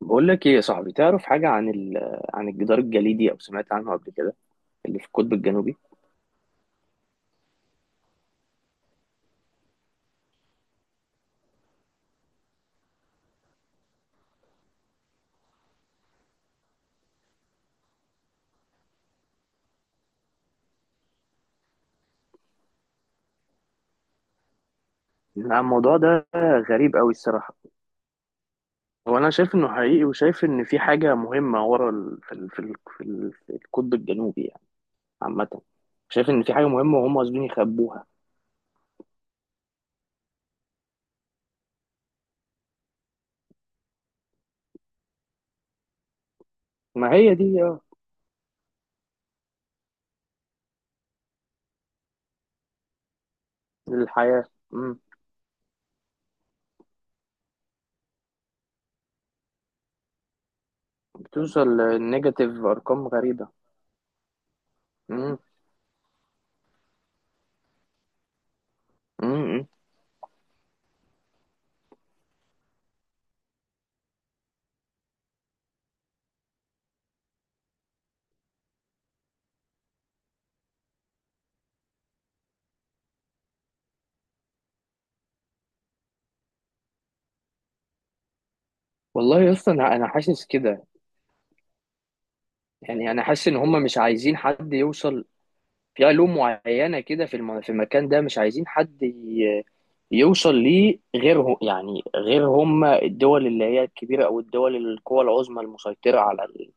بقول لك ايه يا صاحبي؟ تعرف حاجة عن عن الجدار الجليدي او سمعت عنه قبل كده اللي في القطب الجنوبي؟ لا، الموضوع ده غريب قوي الصراحة. هو انا شايف انه حقيقي وشايف ان في حاجة مهمة ورا في القطب الجنوبي يعني عامة. شايف ان في حاجة مهمة وهم قاصدين يخبوها. ما هي دي الحياة. مم. بتوصل لنيجاتيف ارقام غريبة. مم. مم. مم. والله اصلا انا حاسس كده. يعني انا حاسس ان هم مش عايزين حد يوصل في علوم معينة كده في في المكان ده، مش عايزين حد يوصل ليه غيرهم يعني، غير هم الدول اللي هي الكبيرة، أو الدول القوى العظمى المسيطرة على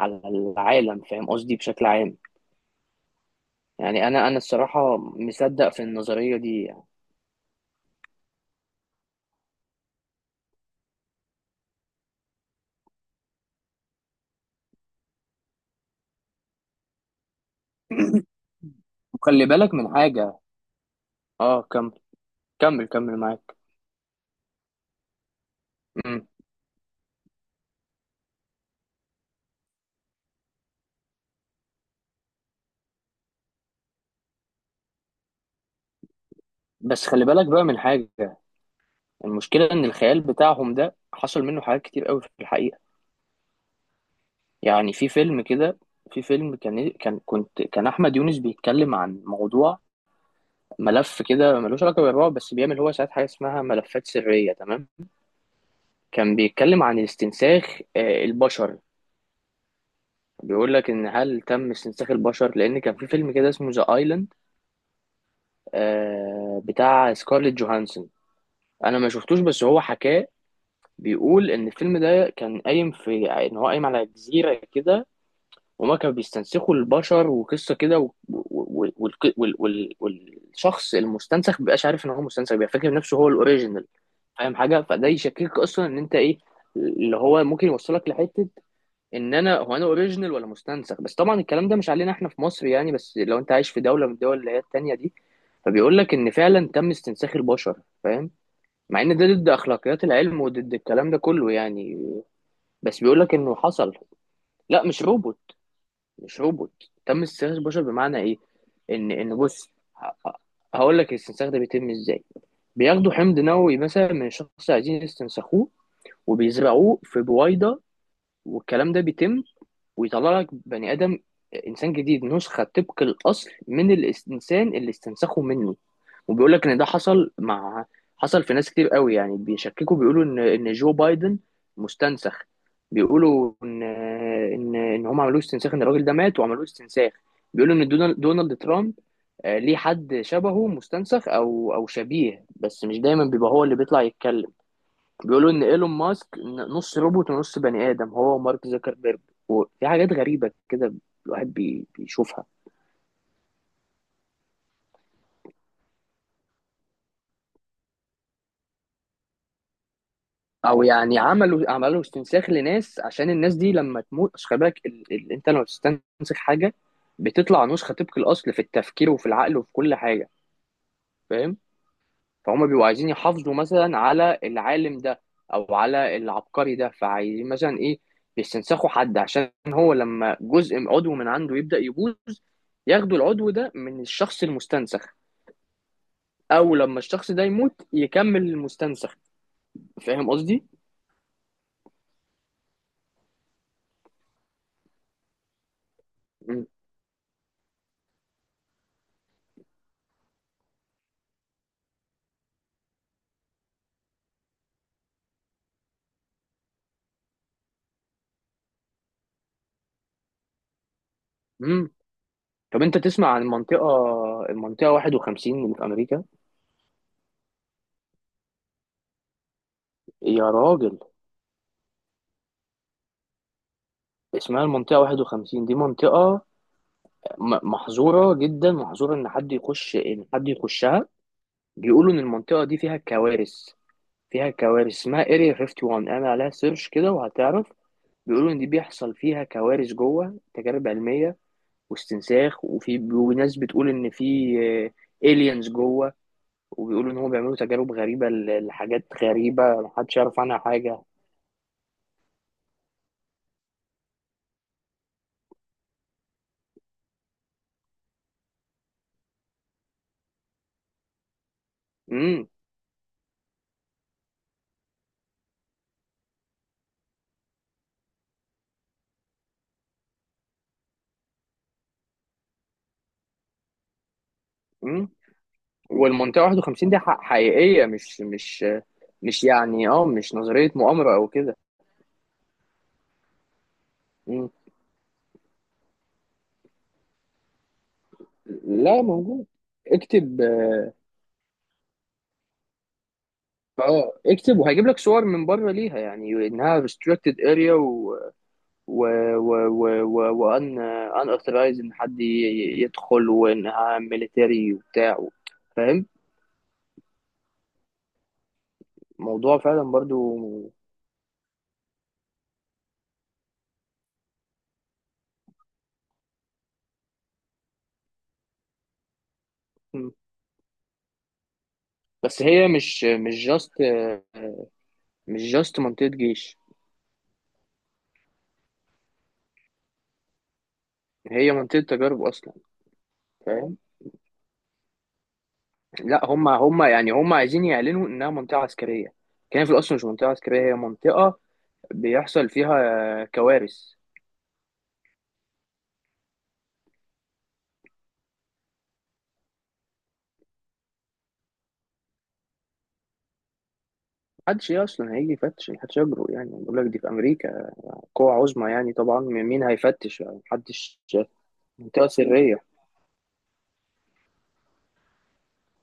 على العالم، فاهم قصدي؟ بشكل عام يعني. أنا الصراحة مصدق في النظرية دي يعني. وخلي بالك من حاجة. اه، كمل. كمل كمل معاك. مم. بس خلي بالك بقى من حاجة. المشكلة إن الخيال بتاعهم ده حصل منه حاجات كتير قوي في الحقيقة. يعني في فيلم كده، في فيلم كان إيه، كان احمد يونس بيتكلم عن موضوع، ملف كده ملوش علاقه بالرعب، بس بيعمل هو ساعات حاجه اسمها ملفات سريه، تمام؟ كان بيتكلم عن استنساخ البشر. بيقول لك ان هل تم استنساخ البشر؟ لان كان في فيلم كده اسمه ذا ايلاند بتاع سكارليت جوهانسون، انا ما شفتوش بس هو حكاه. بيقول ان الفيلم ده كان قايم في، يعني ان هو قايم على جزيره كده، وما كانوا بيستنسخوا البشر وقصه كده و... و... و... والك- وال... وال... والشخص المستنسخ مبيبقاش عارف ان هو مستنسخ، بيبقى فاكر نفسه هو الاوريجينال. فاهم حاجه؟ فده يشكك اصلا ان انت ايه اللي هو ممكن يوصلك لحته، ان انا هو انا اوريجينال ولا مستنسخ. بس طبعا الكلام ده مش علينا احنا في مصر يعني، بس لو انت عايش في دوله من الدول اللي هي التانيه دي، فبيقول لك ان فعلا تم استنساخ البشر، فاهم؟ مع ان ده ضد اخلاقيات العلم وضد الكلام ده كله يعني. بس بيقول لك انه حصل. لا مش روبوت. مش روبوت. تم استخدام البشر، بمعنى ايه؟ ان بص هقول لك الاستنساخ ده بيتم ازاي. بياخدوا حمض نووي مثلا من شخص عايزين يستنسخوه، وبيزرعوه في بويضة، والكلام ده بيتم، ويطلع لك بني آدم، إنسان جديد نسخة طبق الأصل من الإنسان اللي استنسخه منه. وبيقول لك إن ده حصل مع، حصل في ناس كتير قوي يعني بيشككوا، بيقولوا إن جو بايدن مستنسخ. بيقولوا إن إن هم عملوه استنساخ، إن الراجل ده مات وعملوه استنساخ. بيقولوا إن دونالد ترامب ليه حد شبهه مستنسخ أو شبيه، بس مش دايما بيبقى هو اللي بيطلع يتكلم. بيقولوا ان ايلون ماسك نص روبوت ونص بني ادم، هو ومارك زكربيرج، وفي حاجات غريبه كده الواحد بيشوفها. او يعني عملوا استنساخ لناس عشان الناس دي لما تموت، أصل خلي بالك انت لما بتستنسخ حاجه بتطلع نسخه طبق الاصل في التفكير وفي العقل وفي كل حاجه، فاهم؟ فهم بيبقوا عايزين يحافظوا مثلا على العالم ده او على العبقري ده، فعايزين مثلا ايه؟ يستنسخوا حد عشان هو لما جزء عضو من عنده يبدا يبوظ ياخدوا العضو ده من الشخص المستنسخ، او لما الشخص ده يموت يكمل المستنسخ، فاهم قصدي؟ مم. مم. طب انت تسمع عن المنطقة، المنطقة 51 اللي في امريكا؟ يا راجل، اسمها المنطقة 51، دي منطقة محظورة جدا، محظورة ان حد يخش، ان حد يخشها. بيقولوا ان المنطقة دي فيها كوارث، فيها كوارث، اسمها اريا 51، اعمل عليها سيرش كده وهتعرف. بيقولوا ان دي بيحصل فيها كوارث جوه، تجارب علمية واستنساخ، وفي وناس بتقول ان في الينز جوه، وبيقولوا ان هم بيعملوا تجارب غريبه لحاجات غريبه محدش يعرف عنها حاجه. امم امم والمنطقه 51 دي حقيقيه، مش يعني، اه مش نظريه مؤامره او كده. مم. لا موجود، اكتب. اه، اكتب وهيجيب لك صور من بره ليها يعني انها restricted area، و و و و وان، اوثرايز ان حد يدخل، وانها ميليتري وبتاع، فاهم؟ موضوع فعلا برضو. م. بس هي مش مش جاست، مش جاست منطقة جيش، هي منطقة تجارب أصلا، فاهم؟ لا هم يعني هم عايزين يعلنوا إنها منطقة عسكرية، كان في الأصل مش منطقة عسكرية، هي منطقة بيحصل فيها كوارث. محدش إيه أصلا هيجي يفتش؟ محدش يجرؤ يعني، بقول لك دي في أمريكا، قوة عظمى يعني طبعا، مين هيفتش يعني؟ محدش. منطقة سرية.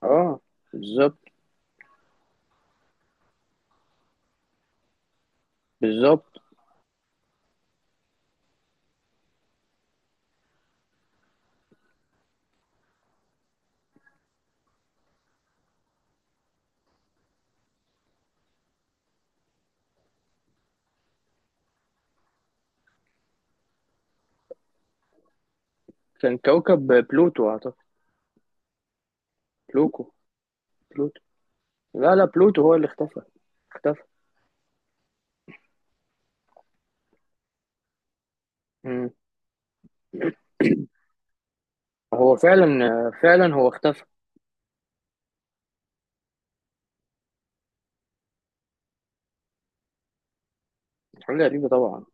اه، بالظبط. بالظبط. كان كوكب بلوتو اعتقد. بلوكو، بلوتو. لا لا، بلوتو هو اللي اختفى. اختفى. مم. هو فعلا، فعلا هو اختفى. حاجة غريبة طبعا.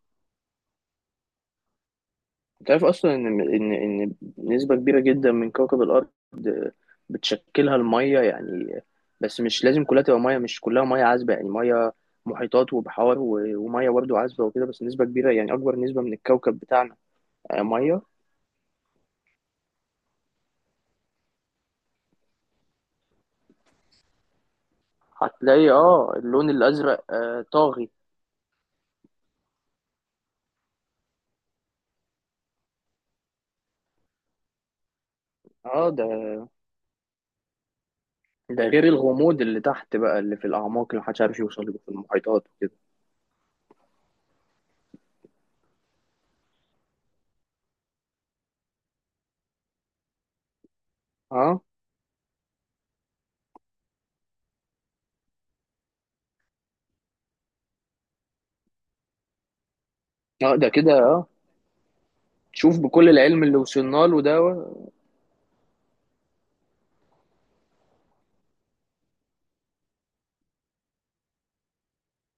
انت عارف اصلا ان ان نسبه كبيره جدا من كوكب الارض بتشكلها الميه يعني، بس مش لازم كلها تبقى ميه، مش كلها ميه عذبه، يعني ميه محيطات وبحار وميه برضه عذبه وكده، بس نسبه كبيره يعني اكبر نسبه من الكوكب بتاعنا ميه. هتلاقي اللون الازرق طاغي. اه ده ده غير الغموض اللي تحت بقى اللي في الاعماق اللي محدش عارف يوصل له في المحيطات وكده. اه اه، ده كده اه. شوف بكل العلم اللي وصلنا له ده.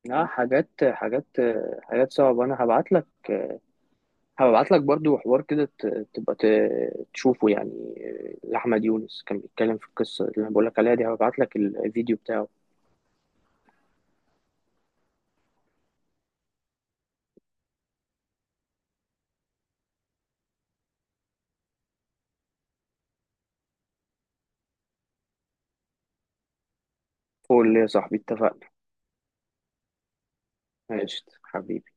لا حاجات، حاجات صعبة. أنا هبعت لك، هبعت لك برضو حوار كده تبقى تشوفه يعني، لأحمد يونس كان بيتكلم في القصة اللي أنا بقولك عليها دي، هبعت لك الفيديو بتاعه. قول لي يا صاحبي، اتفقنا؟ ماشي حبيبي.